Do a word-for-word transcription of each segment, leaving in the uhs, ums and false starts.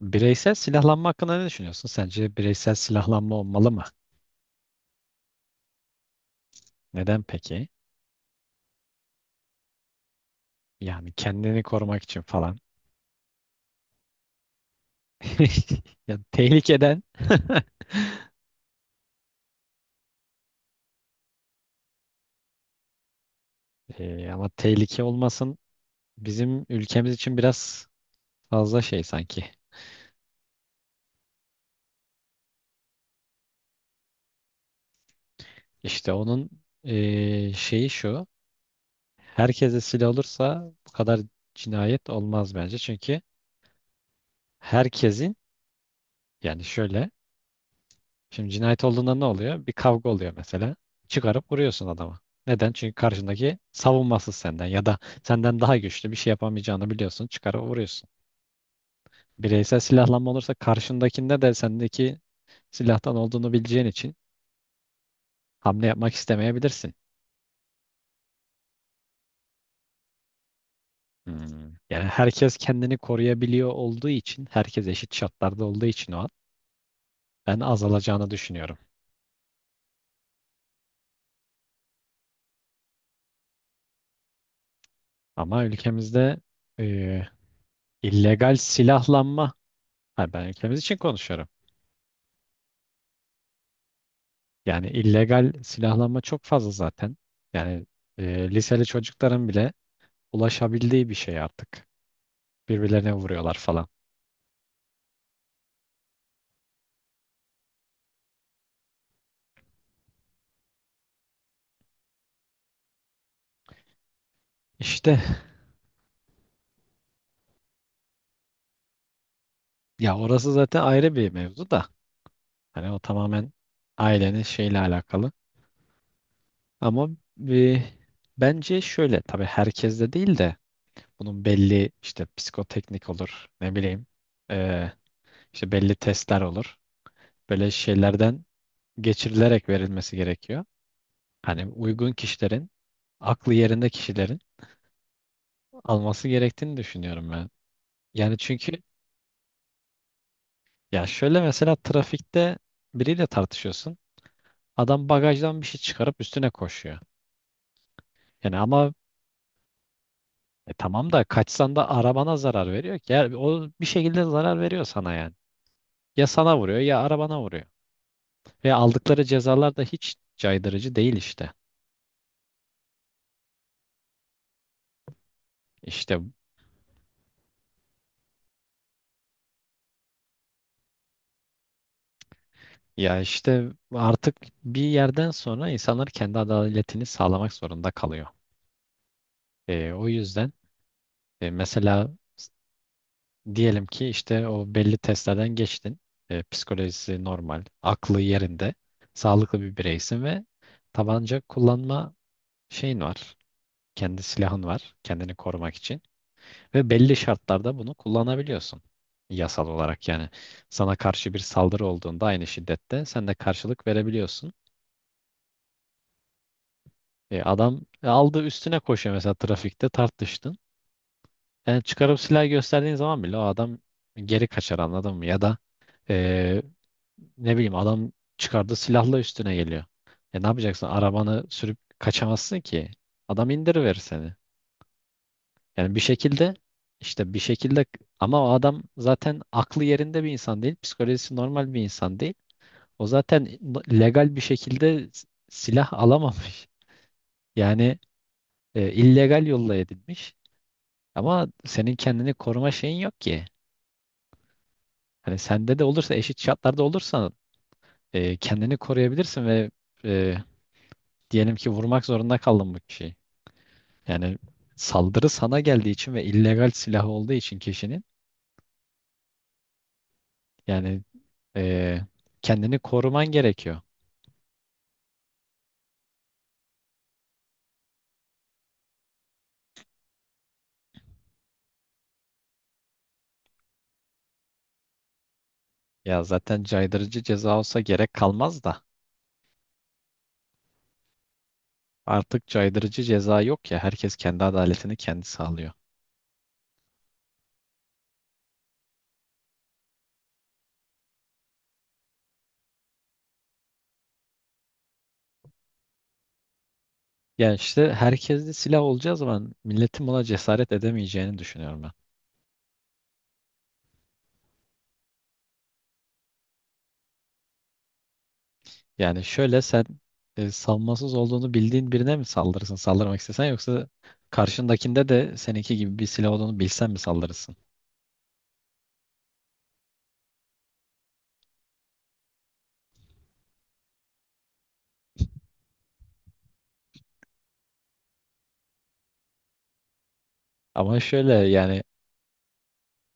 Bireysel silahlanma hakkında ne düşünüyorsun? Sence bireysel silahlanma olmalı mı? Neden peki? Yani kendini korumak için falan. Ya tehlikeden. Ee, ama tehlike olmasın bizim ülkemiz için biraz fazla şey sanki. İşte onun ee, şeyi şu. Herkese silah olursa bu kadar cinayet olmaz bence. Çünkü herkesin yani şöyle. Şimdi cinayet olduğunda ne oluyor? Bir kavga oluyor mesela. Çıkarıp vuruyorsun adama. Neden? Çünkü karşındaki savunmasız senden ya da senden daha güçlü bir şey yapamayacağını biliyorsun. Çıkarıp vuruyorsun. Bireysel silahlanma olursa karşındakinde de sendeki silahtan olduğunu bileceğin için hamle yapmak istemeyebilirsin. Hmm. Yani herkes kendini koruyabiliyor olduğu için, herkes eşit şartlarda olduğu için o an ben azalacağını düşünüyorum. Ama ülkemizde e, illegal silahlanma, ha, ben ülkemiz için konuşuyorum. Yani illegal silahlanma çok fazla zaten. Yani e, liseli çocukların bile ulaşabildiği bir şey artık. Birbirlerine vuruyorlar falan. İşte ya orası zaten ayrı bir mevzu da. Hani o tamamen ailenin şeyle alakalı. Ama e, bence şöyle, tabii herkeste değil de bunun belli işte psikoteknik olur, ne bileyim, e, işte belli testler olur. Böyle şeylerden geçirilerek verilmesi gerekiyor. Hani uygun kişilerin, aklı yerinde kişilerin alması gerektiğini düşünüyorum ben. Yani çünkü ya şöyle, mesela trafikte biriyle tartışıyorsun. Adam bagajdan bir şey çıkarıp üstüne koşuyor. Yani ama e, tamam da kaçsan da arabana zarar veriyor ki. Yani o bir şekilde zarar veriyor sana yani. Ya sana vuruyor ya arabana vuruyor. Ve aldıkları cezalar da hiç caydırıcı değil işte. İşte ya işte artık bir yerden sonra insanlar kendi adaletini sağlamak zorunda kalıyor. E, o yüzden e, mesela diyelim ki işte o belli testlerden geçtin. E, psikolojisi normal, aklı yerinde, sağlıklı bir bireysin ve tabanca kullanma şeyin var. Kendi silahın var, kendini korumak için. Ve belli şartlarda bunu kullanabiliyorsun. Yasal olarak yani sana karşı bir saldırı olduğunda aynı şiddette sen de karşılık verebiliyorsun. E, adam aldı üstüne koşuyor mesela, trafikte tartıştın. Yani çıkarıp silah gösterdiğin zaman bile o adam geri kaçar, anladın mı? Ya da e, ne bileyim, adam çıkardı silahla üstüne geliyor. E ne yapacaksın? Arabanı sürüp kaçamazsın ki. Adam indiriverir seni. Yani bir şekilde işte bir şekilde ama o adam zaten aklı yerinde bir insan değil. Psikolojisi normal bir insan değil. O zaten no- legal bir şekilde s- silah alamamış. Yani e, illegal yolla edilmiş. Ama senin kendini koruma şeyin yok ki. Hani sende de olursa, eşit şartlarda olursan e, kendini koruyabilirsin ve e, diyelim ki vurmak zorunda kaldım bu kişiyi. Yani saldırı sana geldiği için ve illegal silah olduğu için kişinin, yani eee, kendini koruman gerekiyor. Ya zaten caydırıcı ceza olsa gerek kalmaz da artık caydırıcı ceza yok ya, herkes kendi adaletini kendi sağlıyor. Yani işte herkes de silah olacağı zaman milletin buna cesaret edemeyeceğini düşünüyorum ben. Yani şöyle, sen e, savunmasız olduğunu bildiğin birine mi saldırırsın, saldırmak istesen, yoksa karşındakinde de seninki gibi bir silah olduğunu bilsen mi saldırırsın? Ama şöyle yani,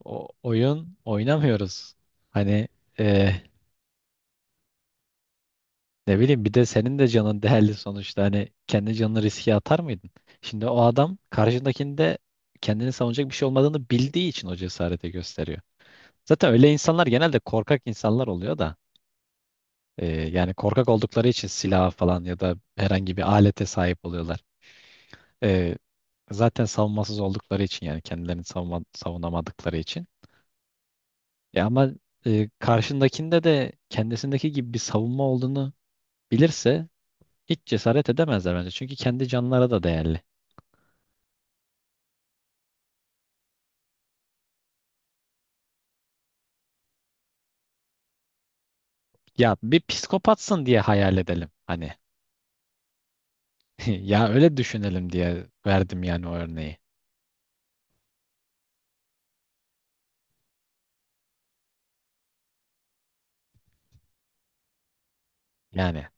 o oyun oynamıyoruz. Hani e, ne bileyim, bir de senin de canın değerli sonuçta. Hani kendi canını riske atar mıydın? Şimdi o adam karşındakinde kendini savunacak bir şey olmadığını bildiği için o cesareti gösteriyor. Zaten öyle insanlar genelde korkak insanlar oluyor da e, yani korkak oldukları için silaha falan ya da herhangi bir alete sahip oluyorlar. E, Zaten savunmasız oldukları için, yani kendilerini savunma, savunamadıkları için. Ya ama e, karşındakinde de kendisindeki gibi bir savunma olduğunu bilirse hiç cesaret edemezler bence. Çünkü kendi canlara da değerli. Ya bir psikopatsın diye hayal edelim hani. Ya öyle düşünelim diye verdim yani o örneği. Yani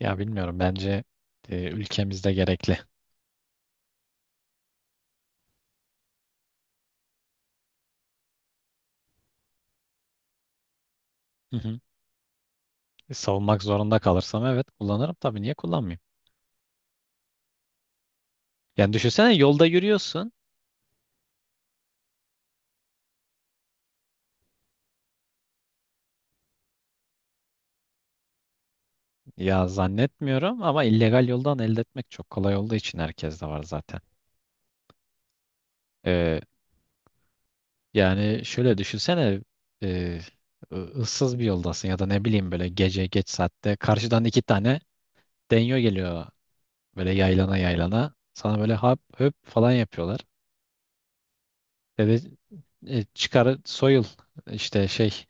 ya bilmiyorum, bence e, ülkemizde gerekli. Hı hı. E, Savunmak zorunda kalırsam evet, kullanırım tabii, niye kullanmayayım? Yani düşünsene, yolda yürüyorsun. Ya zannetmiyorum ama illegal yoldan elde etmek çok kolay olduğu için herkes de var zaten. E, Yani şöyle düşünsene, e, ı- ıssız bir yoldasın ya da ne bileyim böyle gece geç saatte karşıdan iki tane denyo geliyor, böyle yaylana yaylana sana böyle hap höp falan yapıyorlar. Dedi e, çıkar soyul, işte şey,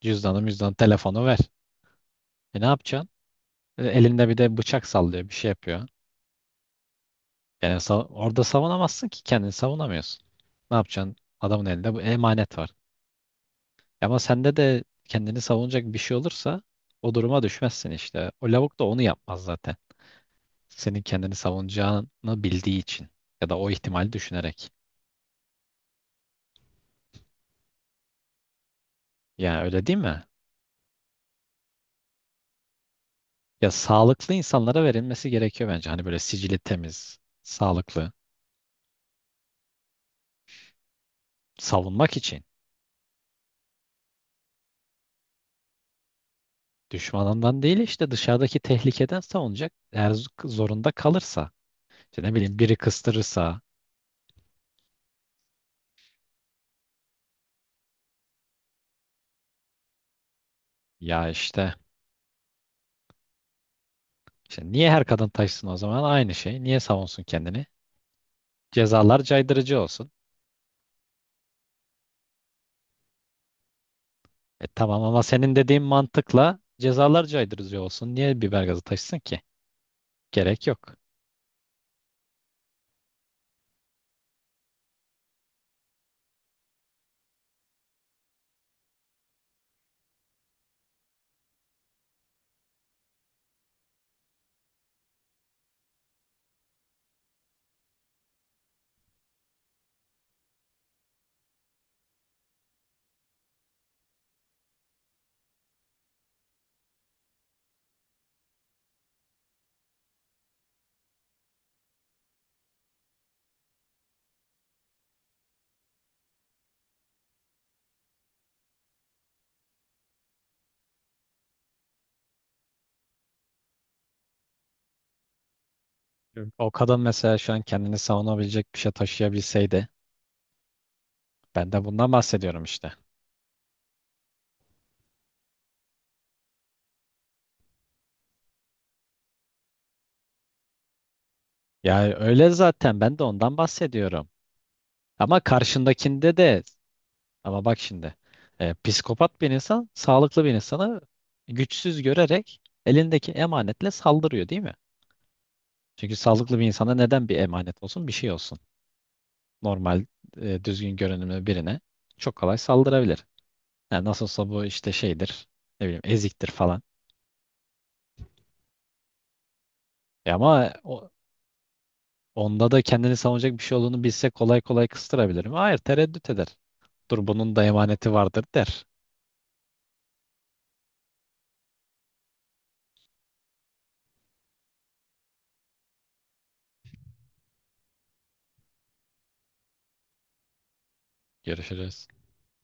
cüzdanı müzdanı telefonu ver. E ne yapacaksın? E, elinde bir de bıçak sallıyor, bir şey yapıyor. Yani sa- orada savunamazsın ki, kendini savunamıyorsun. Ne yapacaksın? Adamın elinde bu emanet var. Ama sende de kendini savunacak bir şey olursa o duruma düşmezsin işte. O lavuk da onu yapmaz zaten. Senin kendini savunacağını bildiği için ya da o ihtimali düşünerek. Yani öyle değil mi? Ya sağlıklı insanlara verilmesi gerekiyor bence. Hani böyle sicili temiz, sağlıklı, savunmak için. Düşmanından değil, işte dışarıdaki tehlikeden savunacak. Eğer z- zorunda kalırsa, işte ne bileyim, biri kıstırırsa ya işte, işte niye her kadın taşsın o zaman, aynı şey. Niye savunsun kendini? Cezalar caydırıcı olsun. E tamam, ama senin dediğin mantıkla cezalar caydırıcı olsun. Niye biber gazı taşısın ki? Gerek yok. Evet. O kadın mesela şu an kendini savunabilecek bir şey taşıyabilseydi. Ben de bundan bahsediyorum işte. Yani öyle zaten, ben de ondan bahsediyorum. Ama karşındakinde de, ama bak şimdi e, psikopat bir insan sağlıklı bir insanı güçsüz görerek elindeki emanetle saldırıyor değil mi? Çünkü sağlıklı bir insana neden bir emanet olsun, bir şey olsun. Normal e, düzgün görünümlü birine çok kolay saldırabilir. Yani nasıl olsa bu işte şeydir, ne bileyim eziktir falan. E ama o- onda da kendini savunacak bir şey olduğunu bilse kolay kolay kıstırabilirim. Hayır, tereddüt eder. Dur, bunun da emaneti vardır, der. Görüşürüz.